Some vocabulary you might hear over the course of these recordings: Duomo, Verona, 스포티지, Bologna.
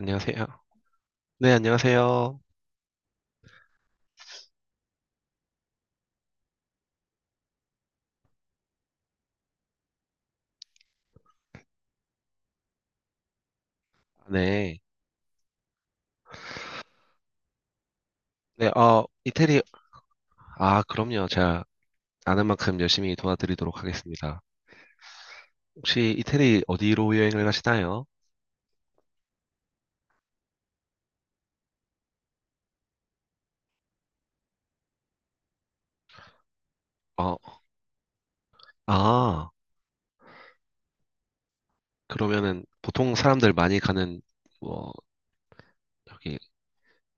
안녕하세요. 네, 안녕하세요. 네. 네, 이태리, 아, 그럼요. 제가 아는 만큼 열심히 도와드리도록 하겠습니다. 혹시 이태리 어디로 여행을 가시나요? 어, 아, 그러면은 보통 사람들 많이 가는, 뭐, 여기,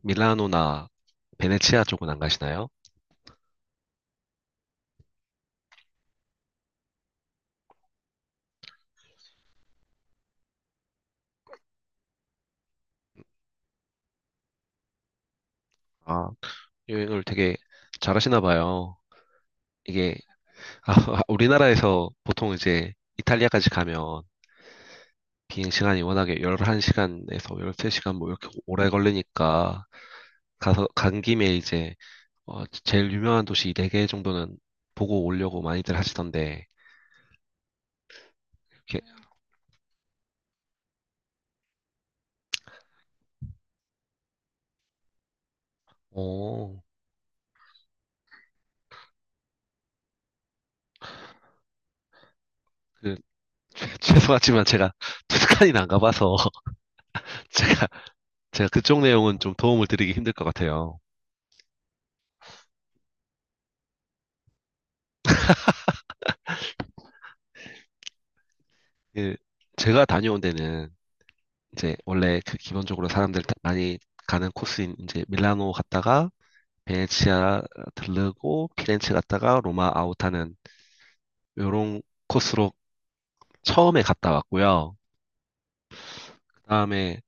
밀라노나 베네치아 쪽은 안 가시나요? 아, 여행을 되게 잘하시나 봐요. 이게, 아, 우리나라에서 보통 이제 이탈리아까지 가면 비행 시간이 워낙에 11시간에서 13시간 뭐 이렇게 오래 걸리니까 가서 간 김에 이제 제일 유명한 도시 네 개 정도는 보고 오려고 많이들 하시던데 이렇게 어, 그 죄송하지만 제가 투스칸이나 안 가봐서 제가 제가 그쪽 내용은 좀 도움을 드리기 힘들 것 같아요. 그 제가 다녀온 데는 이제 원래 그 기본적으로 사람들 다 많이 가는 코스인 이제 밀라노 갔다가 베네치아 들르고 피렌체 갔다가 로마 아웃하는 요런 코스로 처음에 갔다 왔고요. 그다음에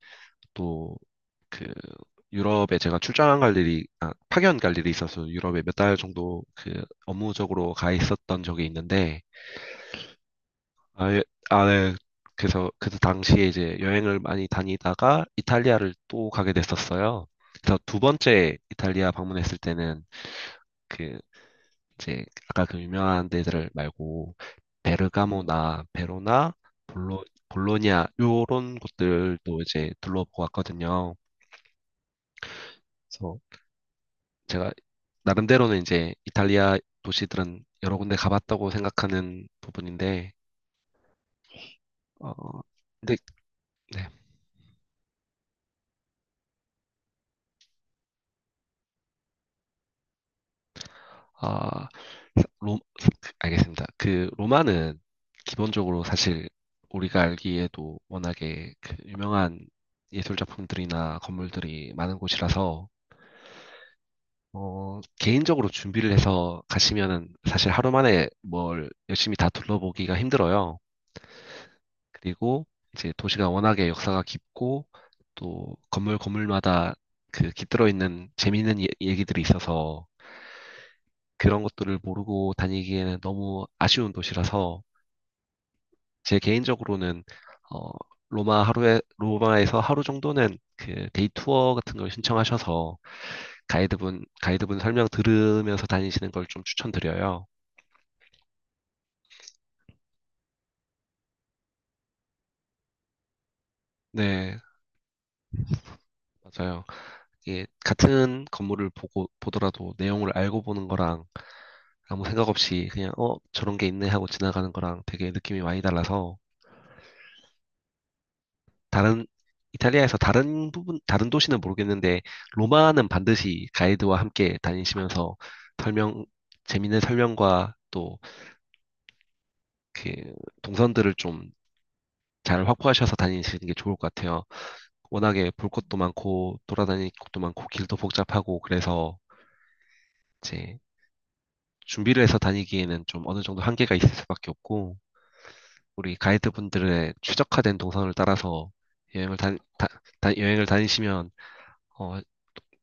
또 그 유럽에 제가 출장 갈 일이 아, 파견 갈 일이 있어서 유럽에 몇 달 정도 그 업무적으로 가 있었던 적이 있는데 아, 예, 아 네. 그래서 그 당시에 이제 여행을 많이 다니다가 이탈리아를 또 가게 됐었어요. 그래서 두 번째 이탈리아 방문했을 때는 그 이제 아까 그 유명한 데들 말고 베르가모나 베로나 볼로냐 요런 곳들도 이제 둘러보고 왔거든요. 그래서 제가 나름대로는 이제 이탈리아 도시들은 여러 군데 가봤다고 생각하는 부분인데 어 근데 네. 아 로, 그, 알겠습니다. 그 로마는 기본적으로 사실 우리가 알기에도 워낙에 그 유명한 예술 작품들이나 건물들이 많은 곳이라서 개인적으로 준비를 해서 가시면은 사실 하루 만에 뭘 열심히 다 둘러보기가 힘들어요. 그리고 이제 도시가 워낙에 역사가 깊고 또 건물 건물마다 그 깃들어 있는 재미있는 얘기들이 있어서 그런 것들을 모르고 다니기에는 너무 아쉬운 도시라서 제 개인적으로는 어, 로마에서 하루 정도는 그 데이 투어 같은 걸 신청하셔서 가이드분 설명 들으면서 다니시는 걸 좀 추천드려요. 네, 맞아요. 이게 같은 건물을 보고 보더라도 내용을 알고 보는 거랑 아무 생각 없이 그냥 저런 게 있네 하고 지나가는 거랑 되게 느낌이 많이 달라서 다른 이탈리아에서 다른 부분 다른 도시는 모르겠는데 로마는 반드시 가이드와 함께 다니시면서 설명 재밌는 설명과 또 그 동선들을 좀 잘 확보하셔서 다니시는 게 좋을 것 같아요. 워낙에 볼 것도 많고 돌아다닐 곳도 많고 길도 복잡하고 그래서 이제 준비를 해서 다니기에는 좀 어느 정도 한계가 있을 수밖에 없고 우리 가이드분들의 최적화된 동선을 따라서 여행을 다, 다- 다- 여행을 다니시면 어,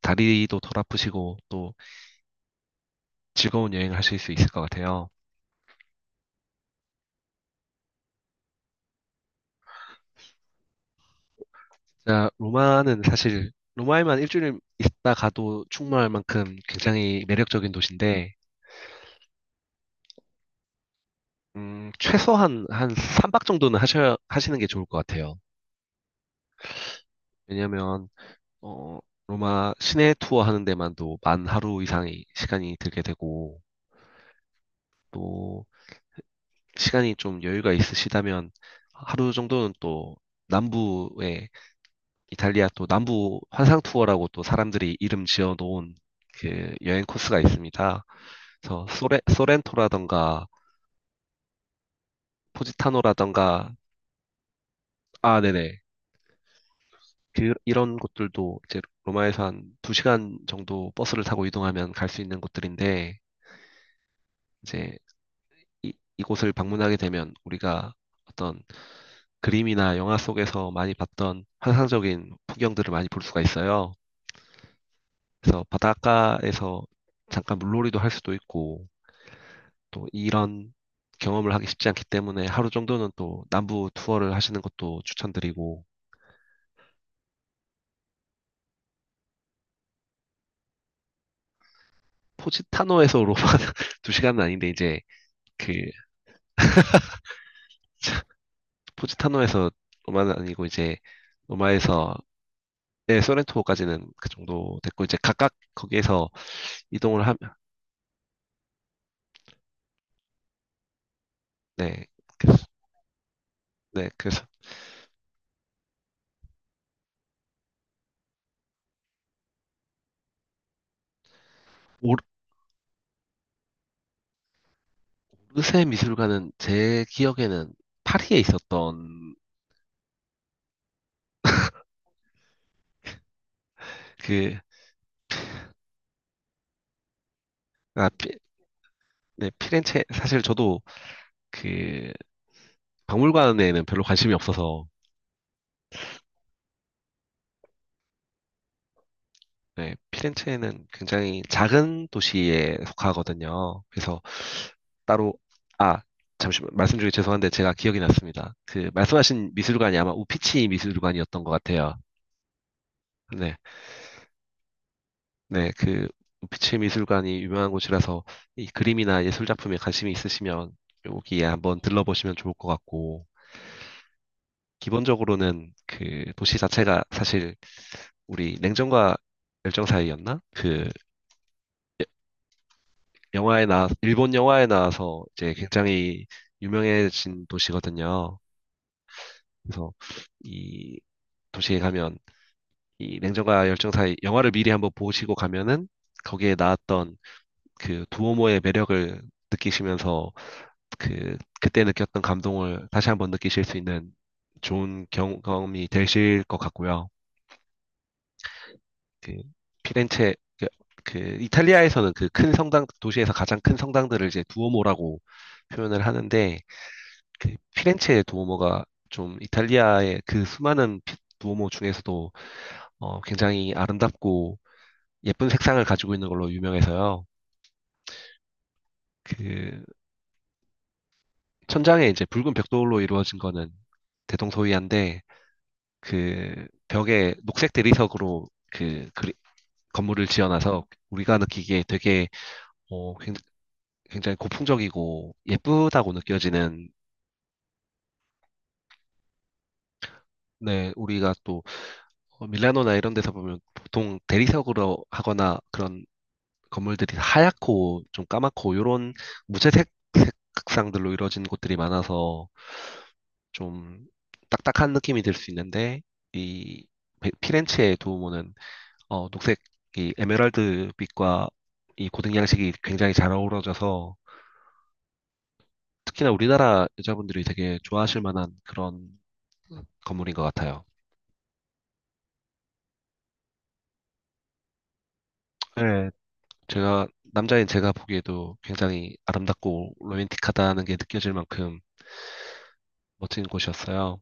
다리도 덜 아프시고 또 즐거운 여행을 하실 수 있을 것 같아요. 자, 로마는 사실 로마에만 일주일 있다 가도 충분할 만큼 굉장히 매력적인 도시인데 최소한 한 3박 정도는 하셔야 하시는 게 좋을 것 같아요. 왜냐면 어, 로마 시내 투어 하는 데만도 만 하루 이상의 시간이 들게 되고, 또 시간이 좀 여유가 있으시다면 하루 정도는 또 남부의 이탈리아 또 남부 환상 투어라고 또 사람들이 이름 지어 놓은 그 여행 코스가 있습니다. 그래서 소렌토라던가 포지타노라던가 아, 네네. 그, 이런 곳들도 이제 로마에서 한 두시간 정도 버스를 타고 이동하면 갈 수 있는 곳들인데 이제 이, 이곳을 방문하게 되면 우리가 어떤 그림이나 영화 속에서 많이 봤던 환상적인 풍경들을 많이 볼 수가 있어요. 그래서 바닷가에서 잠깐 물놀이도 할 수도 있고 또 이런 경험을 하기 쉽지 않기 때문에 하루 정도는 또 남부 투어를 하시는 것도 추천드리고 포지타노에서 로마 두 시간은 아닌데 이제 그 포지타노에서 로마는 아니고 이제 로마에서 네, 소렌토까지는 그 정도 됐고 이제 각각 거기에서 이동을 하면 네. 그 네, 그래서 오르- 오르세 미술관은 제 기억에는 파리에 있었던 그, 아, 피, 네, 피렌체 사실 저도 그 박물관에는 별로 관심이 없어서 네, 피렌체는 굉장히 작은 도시에 속하거든요. 그래서 따로 아 잠시만 말씀 중에 죄송한데 제가 기억이 났습니다. 그 말씀하신 미술관이 아마 우피치 미술관이었던 것 같아요. 네, 네, 그 빛의 미술관이 유명한 곳이라서 이 그림이나 예술 작품에 관심이 있으시면 여기에 한번 들러보시면 좋을 것 같고 기본적으로는 그 도시 자체가 사실 우리 냉정과 열정 사이였나? 그 여- 영화에 나 일본 영화에 나와서 이제 굉장히 유명해진 도시거든요. 그래서 이 도시에 가면 이 냉정과 열정 사이 영화를 미리 한번 보시고 가면은 거기에 나왔던 그 두오모의 매력을 느끼시면서 그 그때 느꼈던 감동을 다시 한번 느끼실 수 있는 좋은 경험이 되실 것 같고요. 그 피렌체 그, 그 이탈리아에서는 그 큰 성당 도시에서 가장 큰 성당들을 이제 두오모라고 표현을 하는데 그 피렌체의 두오모가 좀 이탈리아의 그 수많은 두오모 중에서도 굉장히 아름답고 예쁜 색상을 가지고 있는 걸로 유명해서요. 그 천장에 이제 붉은 벽돌로 이루어진 거는 대동소이한데 그 벽에 녹색 대리석으로 그 건물을 지어놔서 우리가 느끼기에 되게 어, 굉- 굉장히 고풍적이고 예쁘다고 느껴지는 네, 우리가 또 밀라노나 이런 데서 보면 보통 대리석으로 하거나 그런 건물들이 하얗고 좀 까맣고 이런 무채색 색상들로 이루어진 곳들이 많아서 좀 딱딱한 느낌이 들 수 있는데 이 피렌체의 도우모는 녹색 이 에메랄드 빛과 이 고등 양식이 굉장히 잘 어우러져서 특히나 우리나라 여자분들이 되게 좋아하실 만한 그런 건물인 것 같아요. 네, 제가 남자인 제가 보기에도 굉장히 아름답고 로맨틱하다는 게 느껴질 만큼 멋진 곳이었어요.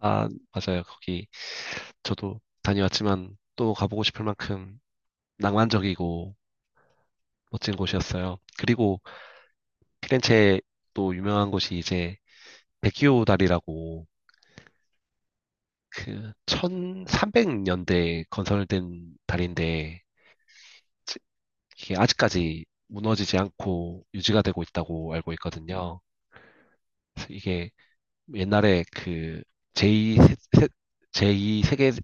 아, 맞아요. 거기 저도 다녀왔지만 또 가보고 싶을 만큼 낭만적이고 멋진 곳이었어요. 그리고 피렌체또 유명한 곳이 이제 베키오 다리라고 그 1300년대에 건설된 다리인데 지- 이게 아직까지 무너지지 않고 유지가 되고 있다고 알고 있거든요. 그래서 이게 옛날에 그 제2 제이 세계 세-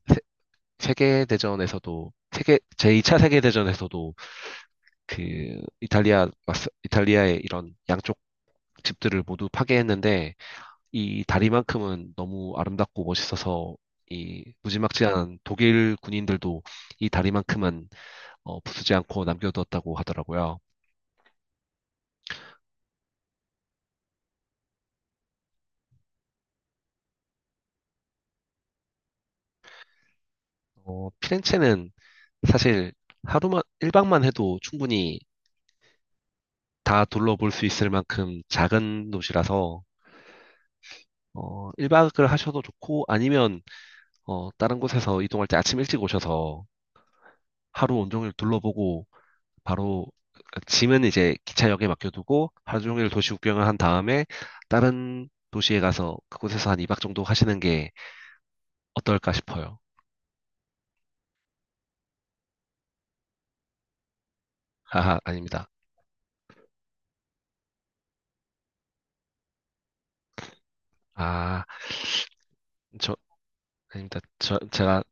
세계대전에서도 세계 제2차 세계대전에서도 그 이탈리아의 이런 양쪽 집들을 모두 파괴했는데 이 다리만큼은 너무 아름답고 멋있어서 이 무지막지한 독일 군인들도 이 다리만큼은 부수지 않고 남겨두었다고 하더라고요. 피렌체는 사실 1박만 해도 충분히 다 둘러볼 수 있을 만큼 작은 도시라서, 1박을 하셔도 좋고, 아니면, 다른 곳에서 이동할 때 아침 일찍 오셔서 하루 온종일 둘러보고, 바로, 짐은 이제 기차역에 맡겨두고, 하루 종일 도시 구경을 한 다음에, 다른 도시에 가서 그곳에서 한 2박 정도 하시는 게 어떨까 싶어요. 아, 아닙니다. 아, 저, 아닙니다. 저, 제가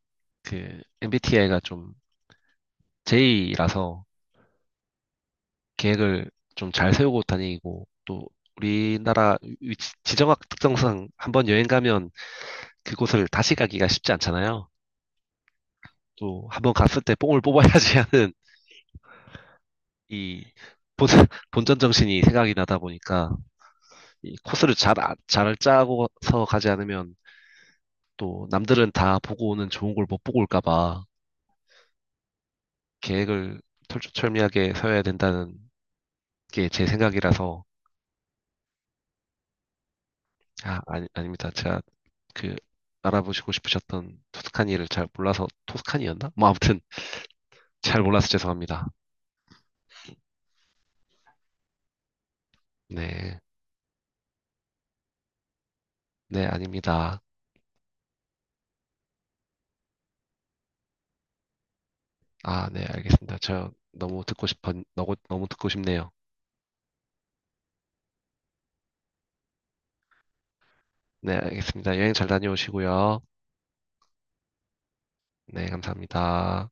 그 MBTI가 좀 J라서 계획을 좀 잘 세우고 다니고 또 우리나라 지정학 특성상 한번 여행 가면 그곳을 다시 가기가 쉽지 않잖아요. 또 한번 갔을 때 뽕을 뽑아야지 하는 이 본, 본전 정신이 생각이 나다 보니까 이 코스를 잘 짜고서 가지 않으면 또 남들은 다 보고 오는 좋은 걸 못 보고 올까 봐 계획을 철두철미하게 세워야 된다는 게 제 생각이라서 아, 아니, 아닙니다. 제가 그 알아보시고 싶으셨던 토스카니를 잘 몰라서 토스카니였나? 뭐 아무튼 잘 몰라서 죄송합니다. 네, 네 아닙니다. 아, 네 알겠습니다. 저 너무 듣고 싶어 너무 너무 듣고 싶네요. 네 알겠습니다. 여행 잘 다녀오시고요. 네 감사합니다.